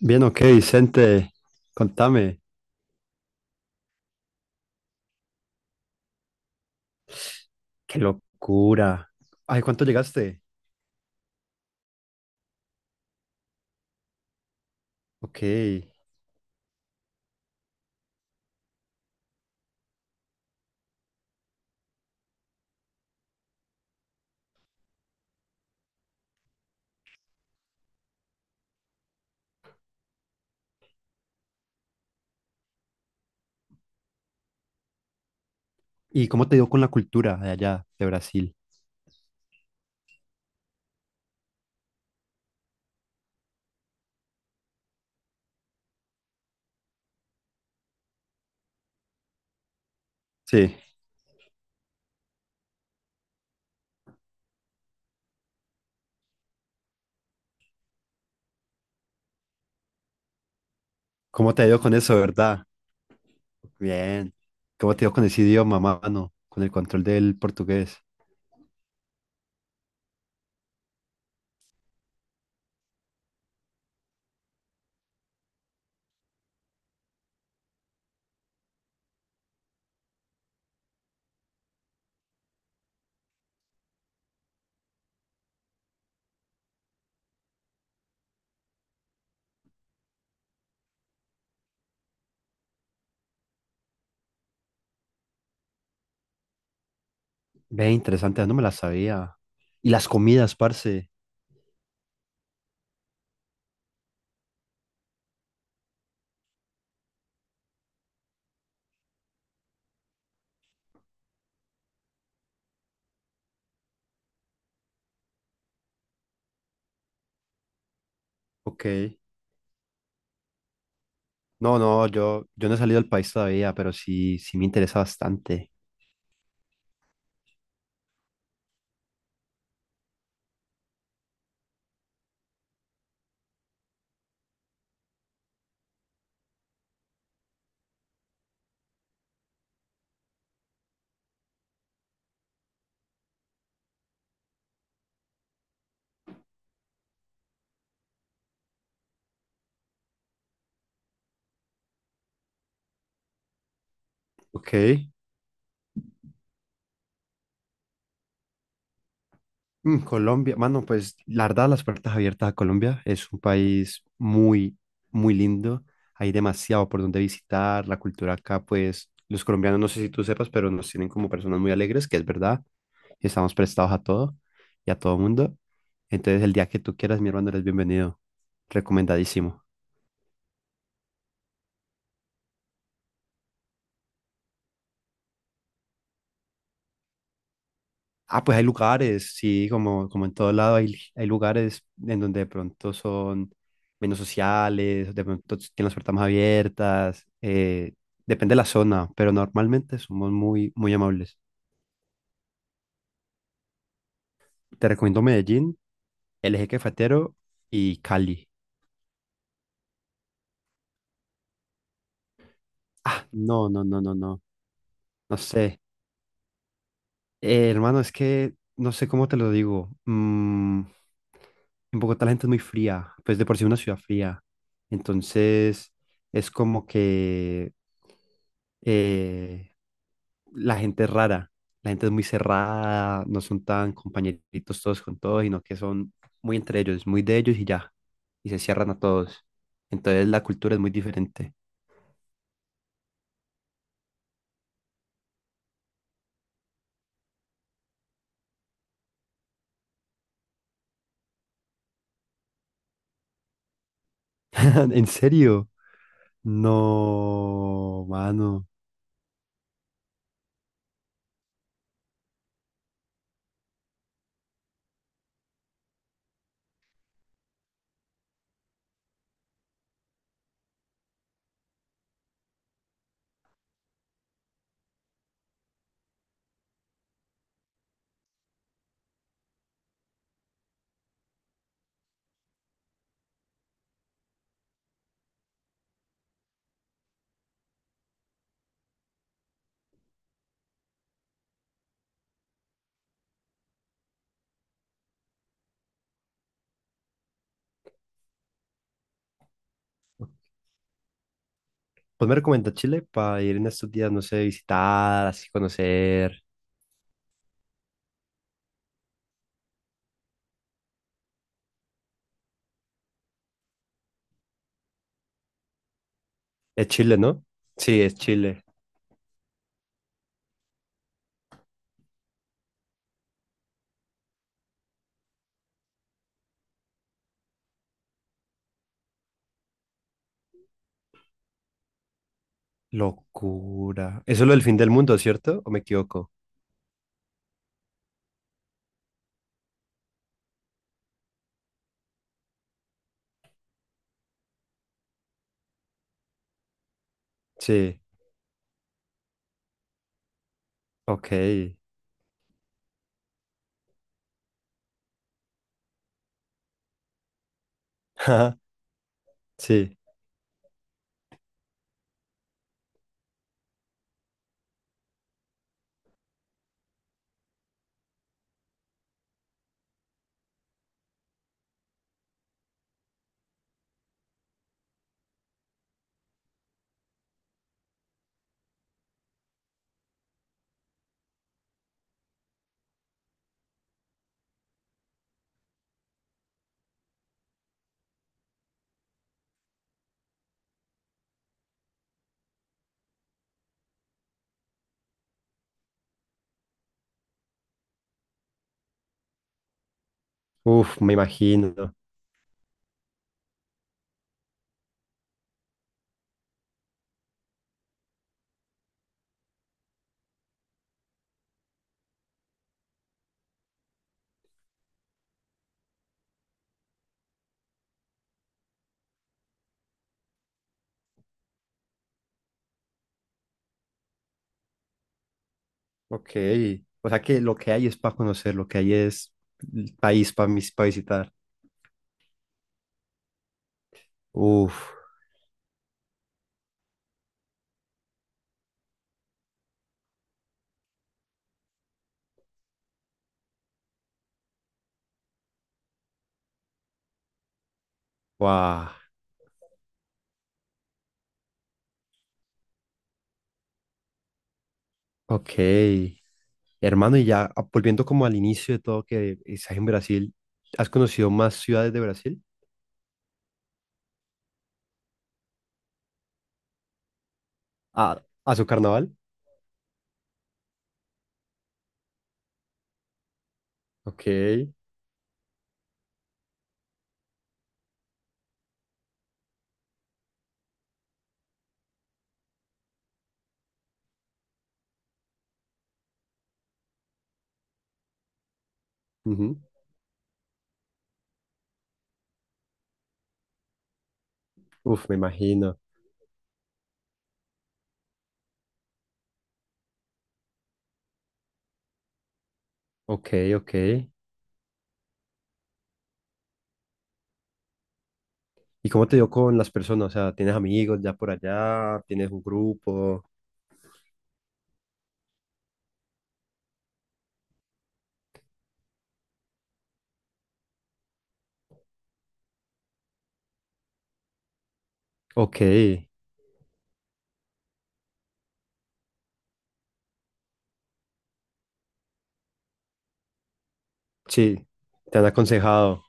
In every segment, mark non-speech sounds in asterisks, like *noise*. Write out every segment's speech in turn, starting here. Bien, ok, Vicente, contame. Qué locura. Ay, ¿cuánto llegaste? Ok. ¿Y cómo te dio con la cultura de allá, de Brasil? Sí. ¿Cómo te ha ido con eso, verdad? Bien. ¿Cómo te dio con ese idioma, mano? Con el control del portugués. Ve, interesante, no me la sabía. Y las comidas, parce. Ok. No, no, yo no he salido del país todavía, pero sí, sí me interesa bastante. Ok. Mm, Colombia, mano, pues la verdad, las puertas abiertas a Colombia. Es un país muy, muy lindo. Hay demasiado por donde visitar. La cultura acá, pues los colombianos, no sé si tú sepas, pero nos tienen como personas muy alegres, que es verdad. Y estamos prestados a todo y a todo mundo. Entonces, el día que tú quieras, mi hermano, eres bienvenido. Recomendadísimo. Ah, pues hay lugares, sí, como, como en todo lado hay, hay lugares en donde de pronto son menos sociales, de pronto tienen las puertas más abiertas, depende de la zona, pero normalmente somos muy, muy amables. Te recomiendo Medellín, El Eje Cafetero y Cali. Ah, no, no, no, no, no, no sé. Hermano, es que no sé cómo te lo digo. Mm, en Bogotá la gente es muy fría, pues de por sí es una ciudad fría. Entonces es como que eh, la gente es rara, la gente es muy cerrada, no son tan compañeritos todos con todos, sino que son muy entre ellos, muy de ellos y ya, y se cierran a todos. Entonces la cultura es muy diferente. *laughs* ¿En serio? No, mano. Pues me recomienda Chile para ir en estos días, no sé, visitar, así conocer. Es Chile, ¿no? Sí, es Chile. Locura. Eso es lo del fin del mundo, ¿cierto? ¿O me equivoco? Sí, ok. *laughs* Ajá. Sí, uf, me imagino. Ok. O sea que lo que hay es para conocer, lo que hay es el país para visitar. Uf, wow. Ok. Hermano, y ya volviendo como al inicio de todo que estás en Brasil, ¿has conocido más ciudades de Brasil? A su carnaval. Ok. Ujú. Uf, me imagino. Ok, ok. ¿Y cómo te dio con las personas? O sea, ¿tienes amigos ya por allá? ¿Tienes un grupo? Ok. Sí, te han aconsejado.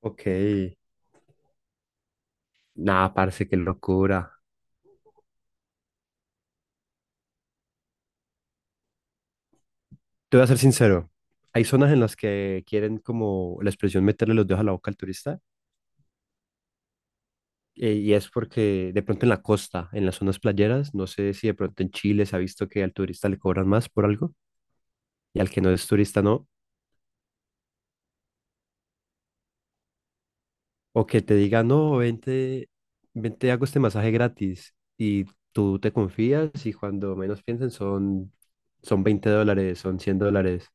Ok. Nada, parce, qué locura. Te voy a ser sincero. Hay zonas en las que quieren, como la expresión, meterle los dedos a la boca al turista. Y es porque de pronto en la costa, en las zonas playeras, no sé si de pronto en Chile se ha visto que al turista le cobran más por algo, y al que no es turista no. O que te diga, no, vente, vente, hago este masaje gratis. Y tú te confías, y cuando menos piensen son, son $20, son $100.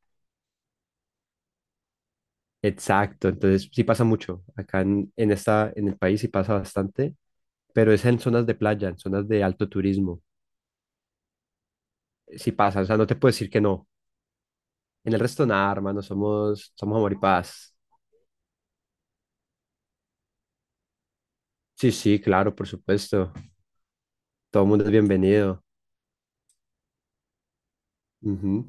Exacto, entonces sí pasa mucho. Acá en esta, en el país sí pasa bastante, pero es en zonas de playa, en zonas de alto turismo. Sí pasa, o sea, no te puedo decir que no. En el resto nada, hermano, somos, somos amor y paz. Sí, sí, claro, por supuesto. Todo el mundo es bienvenido. Ujú.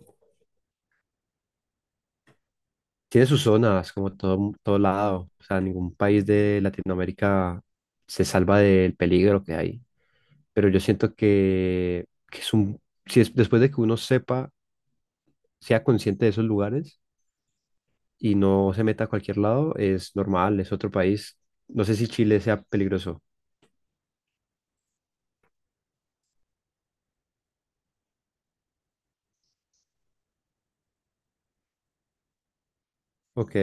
Tiene sus zonas, como todo, todo lado. O sea, ningún país de Latinoamérica se salva del peligro que hay. Pero yo siento que es un, si es, después de que uno sepa, sea consciente de esos lugares y no se meta a cualquier lado, es normal, es otro país. No sé si Chile sea peligroso. Ok.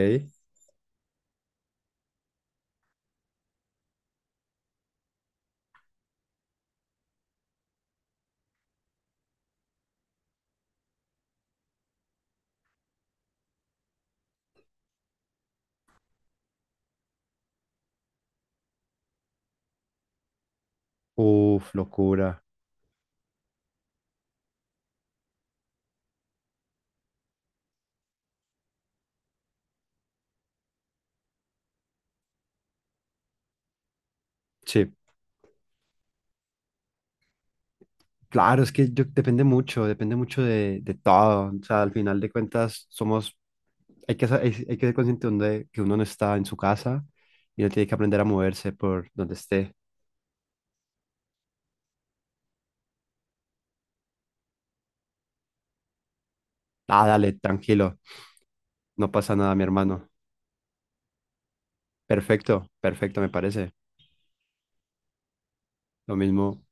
Uf, locura. Sí. Claro, es que yo, depende mucho de todo. O sea, al final de cuentas somos, hay que, sa- hay que ser consciente donde, que uno no está en su casa, y uno tiene que aprender a moverse por donde esté. Ah, dale, tranquilo, no pasa nada, mi hermano. Perfecto, perfecto, me parece. Lo mismo.